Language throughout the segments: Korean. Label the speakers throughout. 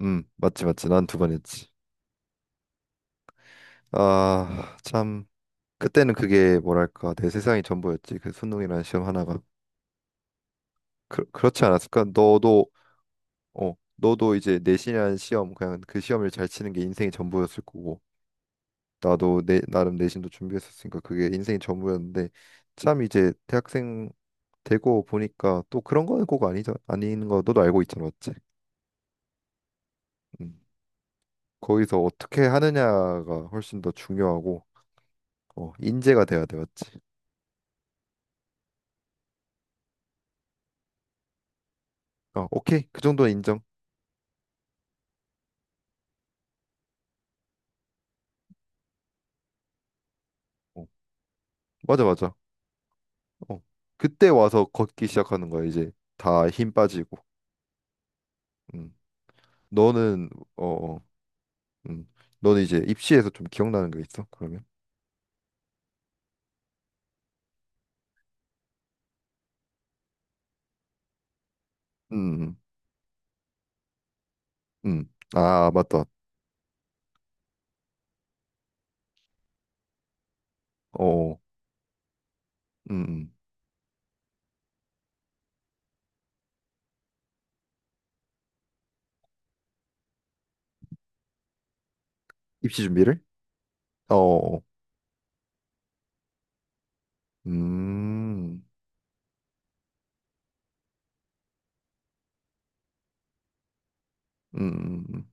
Speaker 1: 맞지, 맞지. 난 두 번 했지. 아, 참. 그때는 그게 뭐랄까, 내 세상이 전부였지. 그 수능이라는 시험 하나가. 그렇지 않았을까? 너도, 어, 너도 이제 내신이라는 시험, 그냥 그 시험을 잘 치는 게 인생의 전부였을 거고. 나도 나름 내신도 준비했었으니까 그게 인생의 전부였는데, 참 이제 대학생 되고 보니까 또 그런 거는 꼭 아니죠. 아닌 거 너도 알고 있잖아, 맞지? 음, 거기서 어떻게 하느냐가 훨씬 더 중요하고, 어, 인재가 돼야 돼, 맞지? 어, 오케이. 그 정도는 인정. 어, 맞아, 맞아. 어. 그때 와서 걷기 시작하는 거야, 이제. 다 힘 빠지고. 음. 너는, 어, 어, 음. 너는 이제 입시에서 좀 기억나는 거 있어, 그러면? 음, 음. 음. 음. 아, 아, 맞다. 어, 어. 음, 음. 입시 준비를? 어, 어. 어. 음, 음, 음, 음,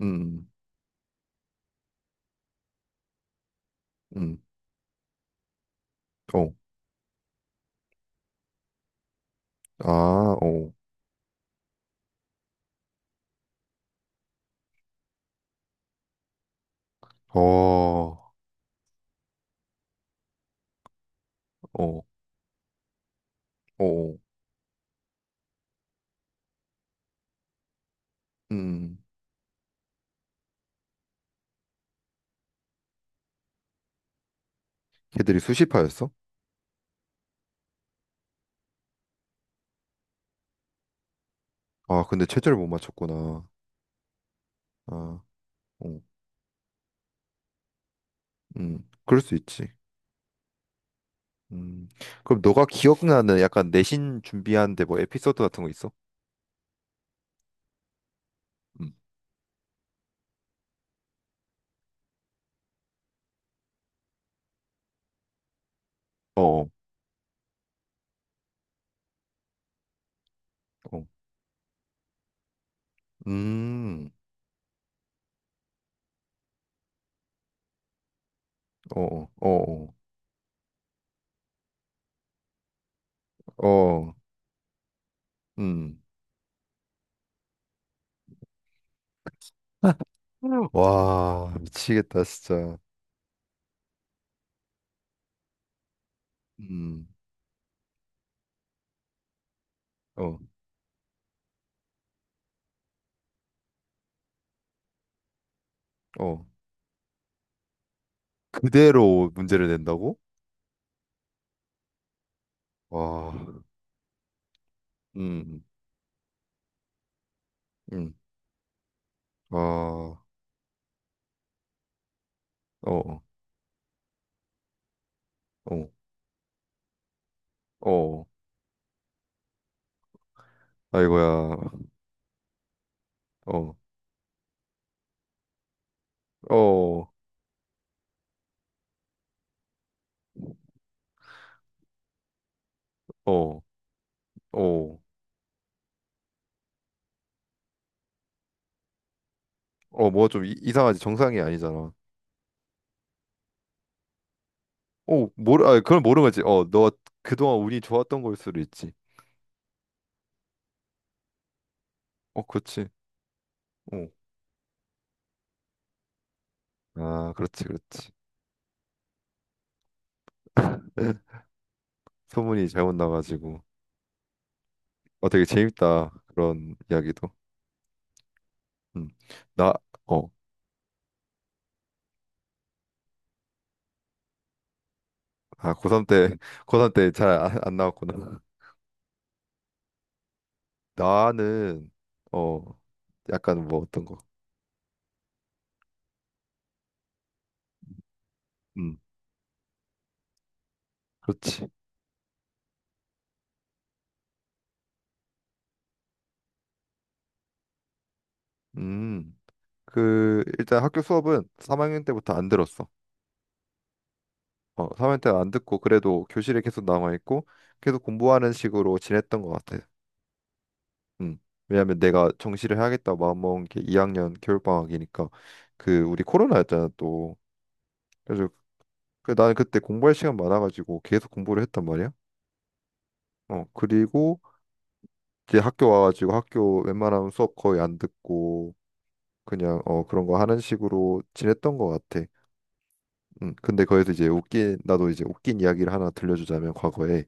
Speaker 1: 음, 음. 음. 어. 아, 어. 어, 어, 어. 어. 음. 걔들이 수시파였어? 아, 근데 최저를 못 맞췄구나. 아. 어. 그럴 수 있지. 음, 그럼 너가 기억나는 약간 내신 준비하는데 뭐 에피소드 같은 거 있어? 음, 어, 어, 어. 음, 어, 어, 어, 어, 어, 음. 와, 미치겠다, 진짜. 음, 어, 어. 그대로 문제를 낸다고? 와, 음, 음, 와, 어, 어, 어, 어. 아이고야, 어, 어, 어, 어, 어, 뭐가 좀 이상하지? 정상이 아니잖아. 어, 아, 그걸 모르겠지. 어, 너 그동안 운이 좋았던 걸 수도 있지. 어, 그렇지. 어. 아, 그렇지, 그렇지. 소문이 잘못 나가지고. 어, 되게 재밌다. 그런 이야기도. 음. 나, 어, 아, 고3 때, 고3 때 잘 안 나왔구나. 나는, 어, 약간 뭐 어떤 거. 음, 그렇지. 음, 일단 학교 수업은 3학년 때부터 안 들었어. 어, 3학년 때 안 듣고, 그래도 교실에 계속 남아있고, 계속 공부하는 식으로 지냈던 것 같아. 음. 왜냐면 내가 정시를 해야겠다 마음먹은 게 2학년 겨울방학이니까. 그 우리 코로나였잖아, 또. 그래서 그 나는 그때 공부할 시간 많아가지고 계속 공부를 했단 말이야. 어, 그리고 이제 학교 와가지고 학교 웬만하면 수업 거의 안 듣고, 그냥 어 그런 거 하는 식으로 지냈던 것 같아. 음. 근데 거기서 이제 웃긴, 나도 이제 웃긴 이야기를 하나 들려주자면, 과거에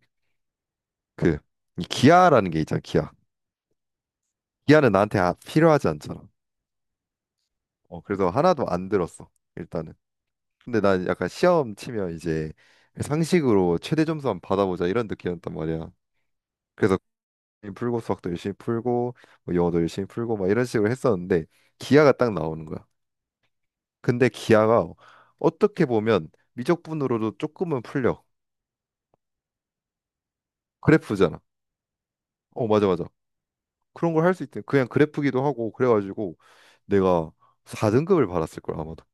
Speaker 1: 그이 기아라는 게 있잖아, 기아. 기아는 나한테 필요하지 않잖아. 어, 그래서 하나도 안 들었어, 일단은. 근데 난 약간 시험 치면 이제 상식으로 최대 점수 한번 받아보자, 이런 느낌이었단 말이야. 그래서 고민 풀고, 수학도 열심히 풀고, 뭐 영어도 열심히 풀고 막 이런 식으로 했었는데, 기하가 딱 나오는 거야. 근데 기하가 어떻게 보면 미적분으로도 조금은 풀려. 그래프잖아. 어, 맞아, 맞아. 그런 걸 할 수 있대. 그냥 그래프기도 하고 그래가지고 내가 4등급을 받았을 걸, 아마도.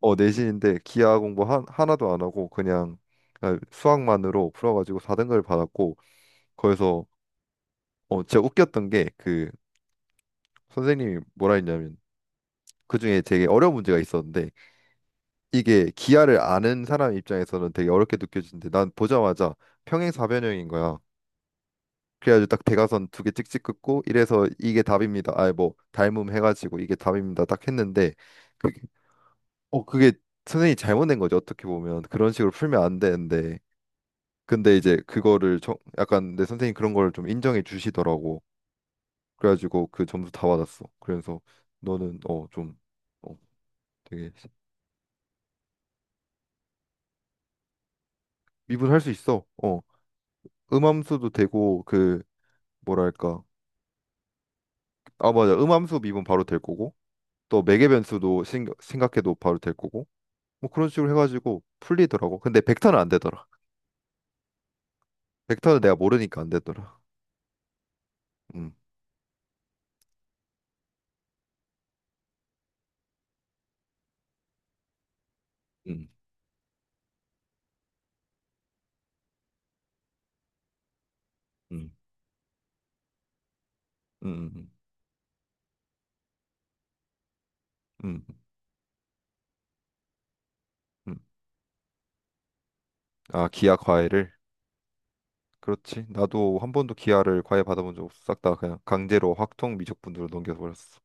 Speaker 1: 어, 내신인데 기하 공부 하나도 안 하고 그냥, 아, 수학만으로 풀어가지고 4등급을 받았고, 거기서 어, 진짜 웃겼던 게 그 선생님이 뭐라 했냐면, 그중에 되게 어려운 문제가 있었는데, 이게 기하를 아는 사람 입장에서는 되게 어렵게 느껴지는데 난 보자마자 평행사변형인 거야. 그래가지고 딱 대각선 두 개 찍찍 긋고 이래서 이게 답입니다. 아니 뭐 닮음 해가지고 이게 답입니다. 딱 했는데 그게, 그게 선생님이 잘못된 거지. 어떻게 보면 그런 식으로 풀면 안 되는데, 근데 이제 그거를 약간 내 선생님 그런 걸 좀 인정해 주시더라고. 그래가지고 그 점수 다 받았어. 그래서 너는 어 좀. 어, 되게 미분할 수 있어. 어, 음함수도 되고 그 뭐랄까, 아 맞아, 음함수 미분 바로 될 거고. 또 매개변수도 생각해도 바로 될 거고, 뭐 그런 식으로 해가지고 풀리더라고. 근데 벡터는 안 되더라. 벡터는 내가 모르니까 안 되더라. 음, 음, 음, 음, 음, 음. 음. 아, 기하 과외를. 그렇지. 나도 한 번도 기하를 과외 받아본 적 없어. 싹 다 그냥 강제로 확통 미적분으로 넘겨서 버렸어.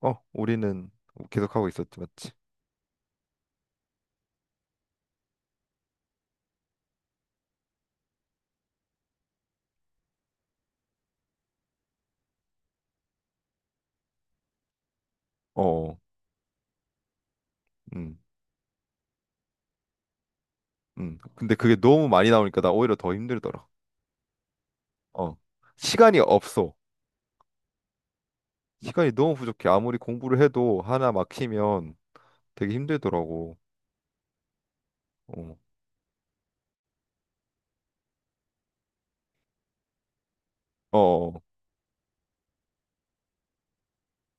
Speaker 1: 어, 우리는 계속 하고 있었지, 맞지? 어, 어. 음, 근데 그게 너무 많이 나오니까 나 오히려 더 힘들더라. 어, 시간이 없어. 시간이 너무 부족해. 아무리 공부를 해도 하나 막히면 되게 힘들더라고. 어, 어, 어,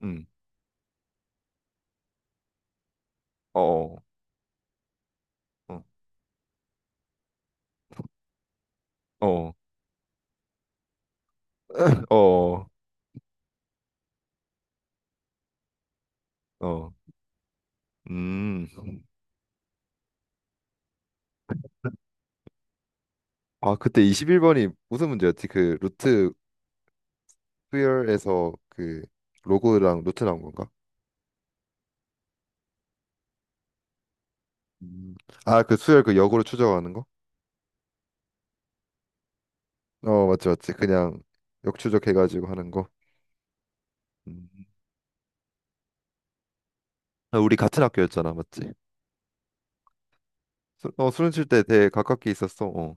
Speaker 1: 음, 어, 어, 어, 어, 어, 어, 어. 음. 아, 그때 21번이 무슨 문제였지? 그 루트. 수열에서 그 로고랑 루트 나온 건가? 음, 아, 그 수열 그 역으로 추적하는 거? 어, 맞지, 맞지. 그냥 역추적해가지고 하는 거. 음. 아, 우리 같은 학교였잖아, 맞지? 수능 칠 때 되게 가깝게 있었어. 어.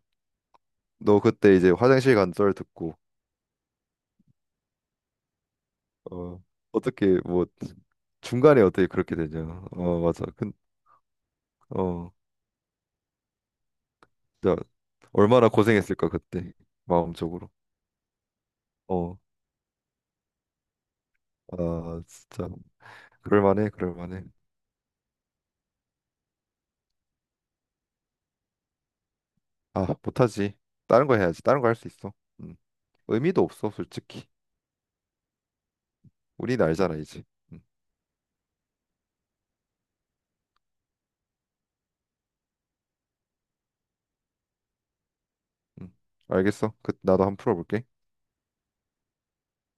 Speaker 1: 너 그때 이제 화장실 간 썰 듣고, 어, 어떻게 뭐 중간에 어떻게 그렇게 되냐? 어, 맞아. 어, 진짜 얼마나 고생했을까, 그때 마음적으로. 어, 아, 진짜. 그럴만해, 그럴만해. 아, 못하지. 다른 거 해야지. 다른 거 할 수 있어. 음. 의미도 없어, 솔직히. 우린 알잖아, 이제. 음. 음, 알겠어. 그 나도 한번 풀어볼게.